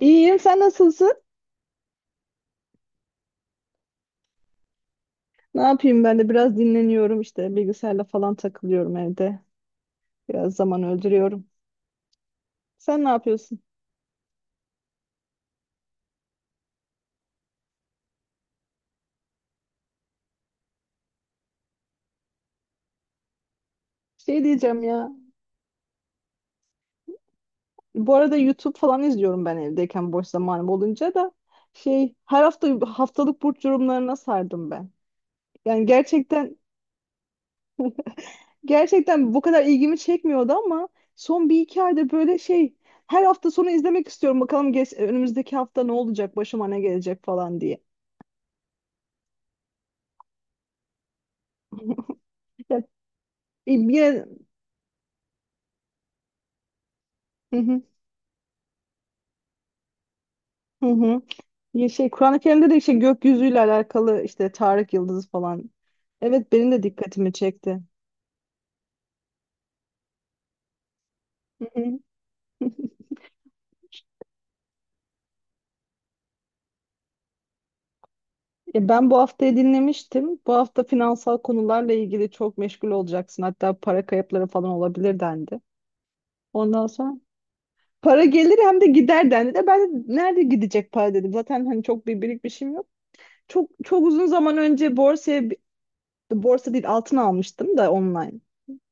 İyiyim, sen nasılsın? Ne yapayım ben de biraz dinleniyorum işte bilgisayarla falan takılıyorum evde. Biraz zaman öldürüyorum. Sen ne yapıyorsun? Şey diyeceğim ya. Bu arada YouTube falan izliyorum ben evdeyken boş zamanım olunca da şey her hafta haftalık burç yorumlarına sardım ben. Yani gerçekten gerçekten bu kadar ilgimi çekmiyordu ama son bir iki ayda böyle şey her hafta sonu izlemek istiyorum. Bakalım geç, önümüzdeki hafta ne olacak, başıma ne gelecek falan diye. Ya, yine... Hı hı, hı hı. Ya şey Kur'an-ı Kerim'de de işte gökyüzüyle alakalı işte Tarık Yıldızı falan. Evet benim de dikkatimi çekti. Hı hı. Ya ben bu haftayı dinlemiştim. Bu hafta finansal konularla ilgili çok meşgul olacaksın. Hatta para kayıpları falan olabilir dendi. Ondan sonra para gelir hem de gider dendi de ben de nerede gidecek para dedim. Zaten hani çok bir birikmişim yok. Çok çok uzun zaman önce borsaya borsa değil altın almıştım da online.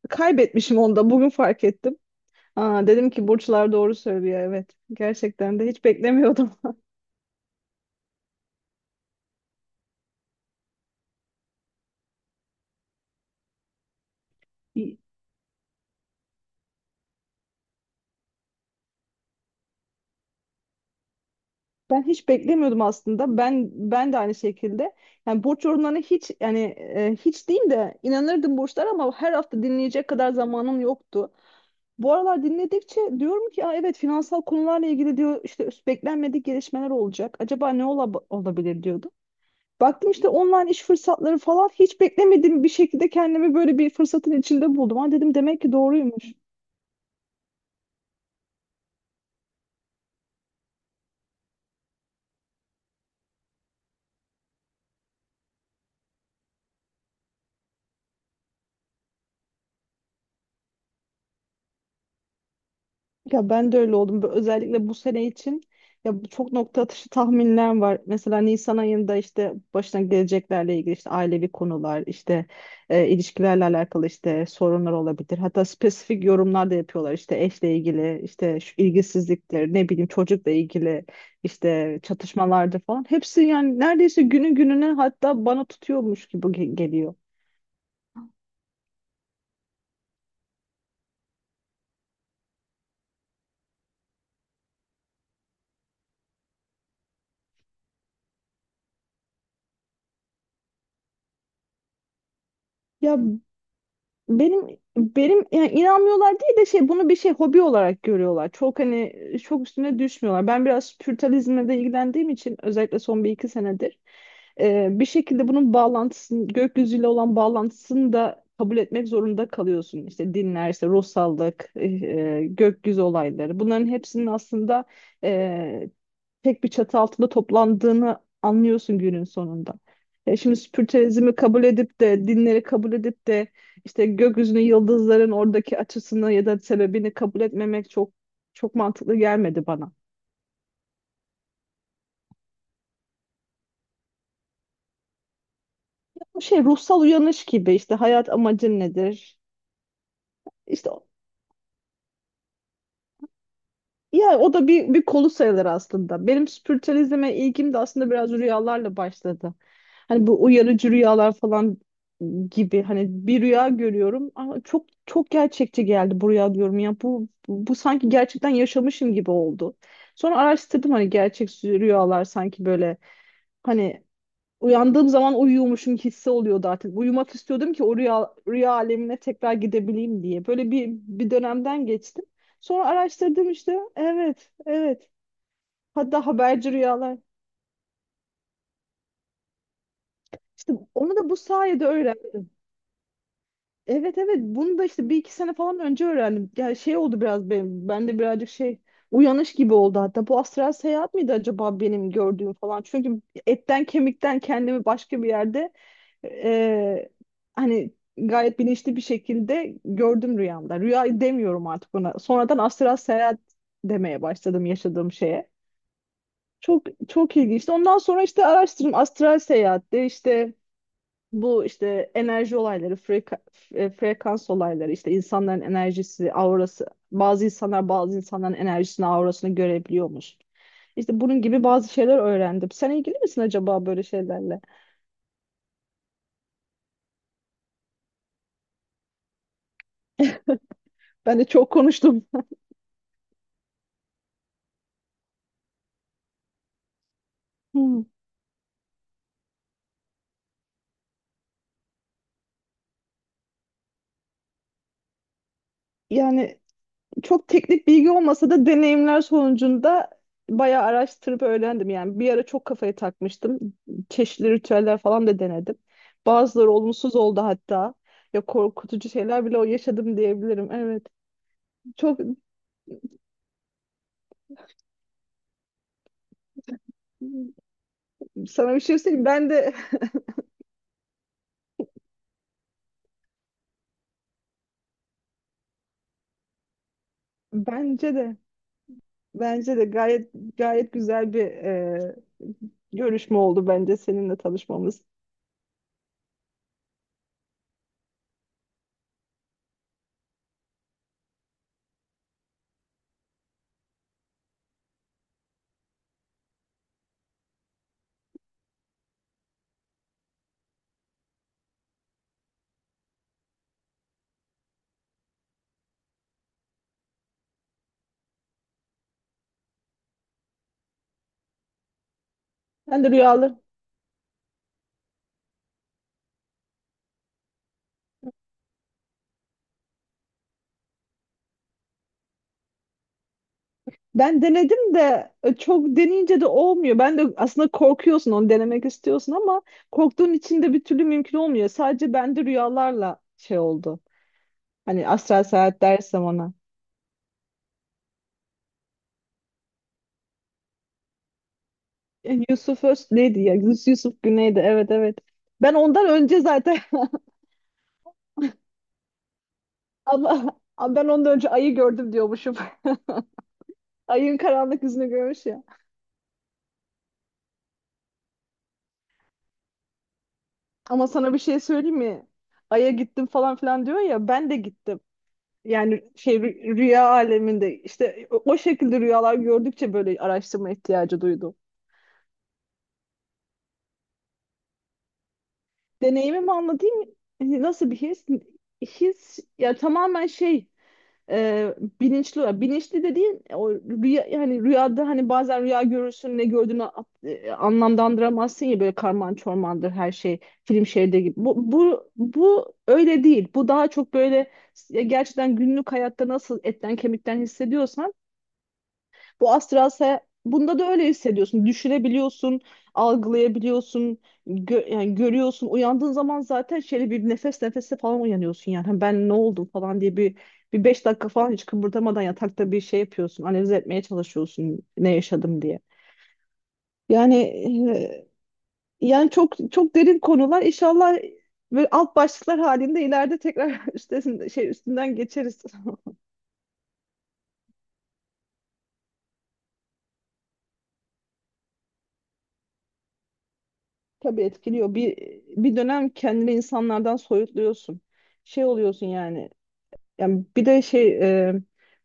Kaybetmişim onu da bugün fark ettim. Aa, dedim ki burçlar doğru söylüyor evet. Gerçekten de hiç beklemiyordum. Ben hiç beklemiyordum aslında. Ben de aynı şekilde. Yani burç yorumlarına hiç yani hiç değil de inanırdım burçlara ama her hafta dinleyecek kadar zamanım yoktu. Bu aralar dinledikçe diyorum ki aa, evet finansal konularla ilgili diyor işte beklenmedik gelişmeler olacak. Acaba ne olabilir diyordum. Baktım işte online iş fırsatları falan hiç beklemediğim bir şekilde kendimi böyle bir fırsatın içinde buldum. Ha dedim demek ki doğruymuş. Ya ben de öyle oldum. Özellikle bu sene için ya bu çok nokta atışı tahminler var. Mesela Nisan ayında işte başına geleceklerle ilgili işte ailevi konular, işte ilişkilerle alakalı işte sorunlar olabilir. Hatta spesifik yorumlar da yapıyorlar. İşte eşle ilgili, işte şu ilgisizlikler, ne bileyim çocukla ilgili işte çatışmalardır falan. Hepsi yani neredeyse günü gününe hatta bana tutuyormuş gibi geliyor. Ya, benim yani inanmıyorlar değil de şey bunu bir şey hobi olarak görüyorlar. Çok hani çok üstüne düşmüyorlar. Ben biraz spiritualizmle de ilgilendiğim için özellikle son bir iki senedir bir şekilde bunun bağlantısını gökyüzüyle olan bağlantısını da kabul etmek zorunda kalıyorsun. İşte dinler, işte ruhsallık, gökyüzü olayları. Bunların hepsinin aslında tek bir çatı altında toplandığını anlıyorsun günün sonunda. E şimdi spiritualizmi kabul edip de dinleri kabul edip de işte gökyüzünün yıldızların oradaki açısını ya da sebebini kabul etmemek çok çok mantıklı gelmedi bana. Bu şey ruhsal uyanış gibi işte hayat amacın nedir? İşte ya o da bir kolu sayılır aslında. Benim spiritüalizme ilgim de aslında biraz rüyalarla başladı. Hani bu uyarıcı rüyalar falan gibi hani bir rüya görüyorum ama çok çok gerçekçi geldi bu rüya diyorum ya bu sanki gerçekten yaşamışım gibi oldu. Sonra araştırdım hani gerçek rüyalar sanki böyle hani uyandığım zaman uyuyormuşum hissi oluyordu artık. Uyumak istiyordum ki o rüya, rüya alemine tekrar gidebileyim diye. Böyle bir dönemden geçtim. Sonra araştırdım işte. Evet, evet. Hatta haberci rüyalar. İşte onu da bu sayede öğrendim. Evet, evet. Bunu da işte bir iki sene falan önce öğrendim. Yani şey oldu biraz benim. Bende birazcık şey uyanış gibi oldu hatta. Bu astral seyahat miydi acaba benim gördüğüm falan? Çünkü etten kemikten kendimi başka bir yerde Ee, hani gayet bilinçli bir şekilde gördüm rüyamda. Rüya demiyorum artık buna. Sonradan astral seyahat demeye başladım yaşadığım şeye. Çok çok ilginçti. Ondan sonra işte araştırdım astral seyahatte işte bu işte enerji olayları, frekans olayları, işte insanların enerjisi, aurası. Bazı insanlar bazı insanların enerjisini, aurasını görebiliyormuş. İşte bunun gibi bazı şeyler öğrendim. Sen ilgili misin acaba böyle şeylerle? Ben de çok konuştum. Hmm. Yani çok teknik bilgi olmasa da deneyimler sonucunda bayağı araştırıp öğrendim. Yani bir ara çok kafaya takmıştım. Çeşitli ritüeller falan da denedim. Bazıları olumsuz oldu hatta. Ya korkutucu şeyler bile o yaşadım diyebilirim. Evet. Çok sana bir şey söyleyeyim. Ben de bence de bence de gayet güzel bir görüşme oldu bence seninle tanışmamız. Ben de rüyalarımı ben denedim de çok deneyince de olmuyor. Ben de aslında korkuyorsun onu denemek istiyorsun ama korktuğun için de bir türlü mümkün olmuyor. Sadece bende rüyalarla şey oldu. Hani astral seyahat dersem ona. Yusuf Öz neydi ya? Yusuf Güney'di. Evet, evet. Ben ondan önce zaten ama ben ondan önce ayı gördüm diyormuşum. Ayın karanlık yüzünü görmüş ya. Ama sana bir şey söyleyeyim mi? Ay'a gittim falan filan diyor ya ben de gittim. Yani şey rüya aleminde işte o şekilde rüyalar gördükçe böyle araştırma ihtiyacı duydum. Deneyimimi anlatayım. Nasıl bir his? His ya tamamen e, bilinçli bilinçli dediğin o rüya yani rüyada hani bazen rüya görürsün ne gördüğünü anlamlandıramazsın ya böyle karman çormandır her şey film şeridi gibi. Bu öyle değil. Bu daha çok böyle ya gerçekten günlük hayatta nasıl etten kemikten hissediyorsan bu astral seyahat bunda da öyle hissediyorsun. Düşünebiliyorsun, algılayabiliyorsun, yani görüyorsun. Uyandığın zaman zaten şöyle bir nefes nefese falan uyanıyorsun yani. Hani ben ne oldum falan diye bir 5 dakika falan hiç kıpırdamadan yatakta bir şey yapıyorsun. Analiz etmeye çalışıyorsun ne yaşadım diye. Yani e, yani çok çok derin konular. İnşallah böyle alt başlıklar halinde ileride tekrar üstesinden şey üstünden geçeriz. Tabii etkiliyor. Bir dönem kendini insanlardan soyutluyorsun. Şey oluyorsun yani. Yani bir de e,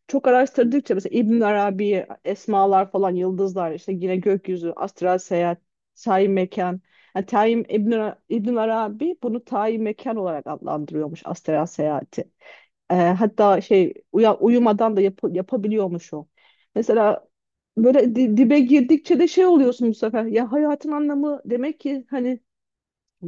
çok araştırdıkça mesela İbn Arabi, esmalar falan, yıldızlar işte yine gökyüzü, astral seyahat, tayin mekan. Yani tayin İbn Arabi bunu tayin mekan olarak adlandırıyormuş astral seyahati. Hatta şey uyumadan da yapabiliyormuş o. Mesela böyle dibe girdikçe de şey oluyorsun bu sefer. Ya hayatın anlamı demek ki hani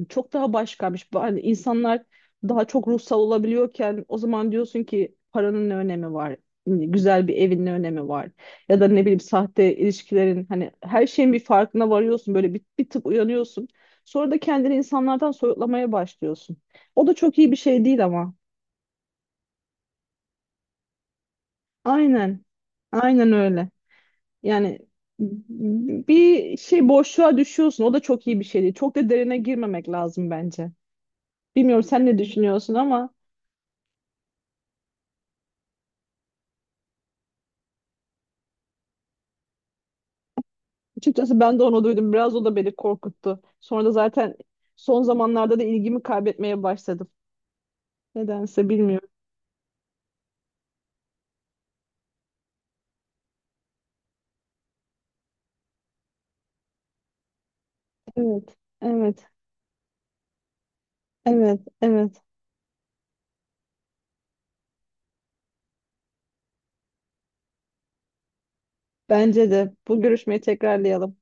çok daha başkaymış. Hani insanlar daha çok ruhsal olabiliyorken o zaman diyorsun ki paranın ne önemi var? Hani güzel bir evin ne önemi var? Ya da ne bileyim sahte ilişkilerin hani her şeyin bir farkına varıyorsun. Böyle bir tık uyanıyorsun. Sonra da kendini insanlardan soyutlamaya başlıyorsun. O da çok iyi bir şey değil ama. Aynen. Aynen öyle. Yani bir şey boşluğa düşüyorsun. O da çok iyi bir şey değil. Çok da derine girmemek lazım bence. Bilmiyorum sen ne düşünüyorsun ama açıkçası ben de onu duydum. Biraz o da beni korkuttu. Sonra da zaten son zamanlarda da ilgimi kaybetmeye başladım. Nedense bilmiyorum. Evet, evet, evet, evet. Bence de bu görüşmeyi tekrarlayalım.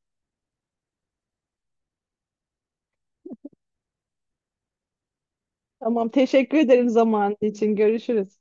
Tamam, teşekkür ederim zamanın için. Görüşürüz.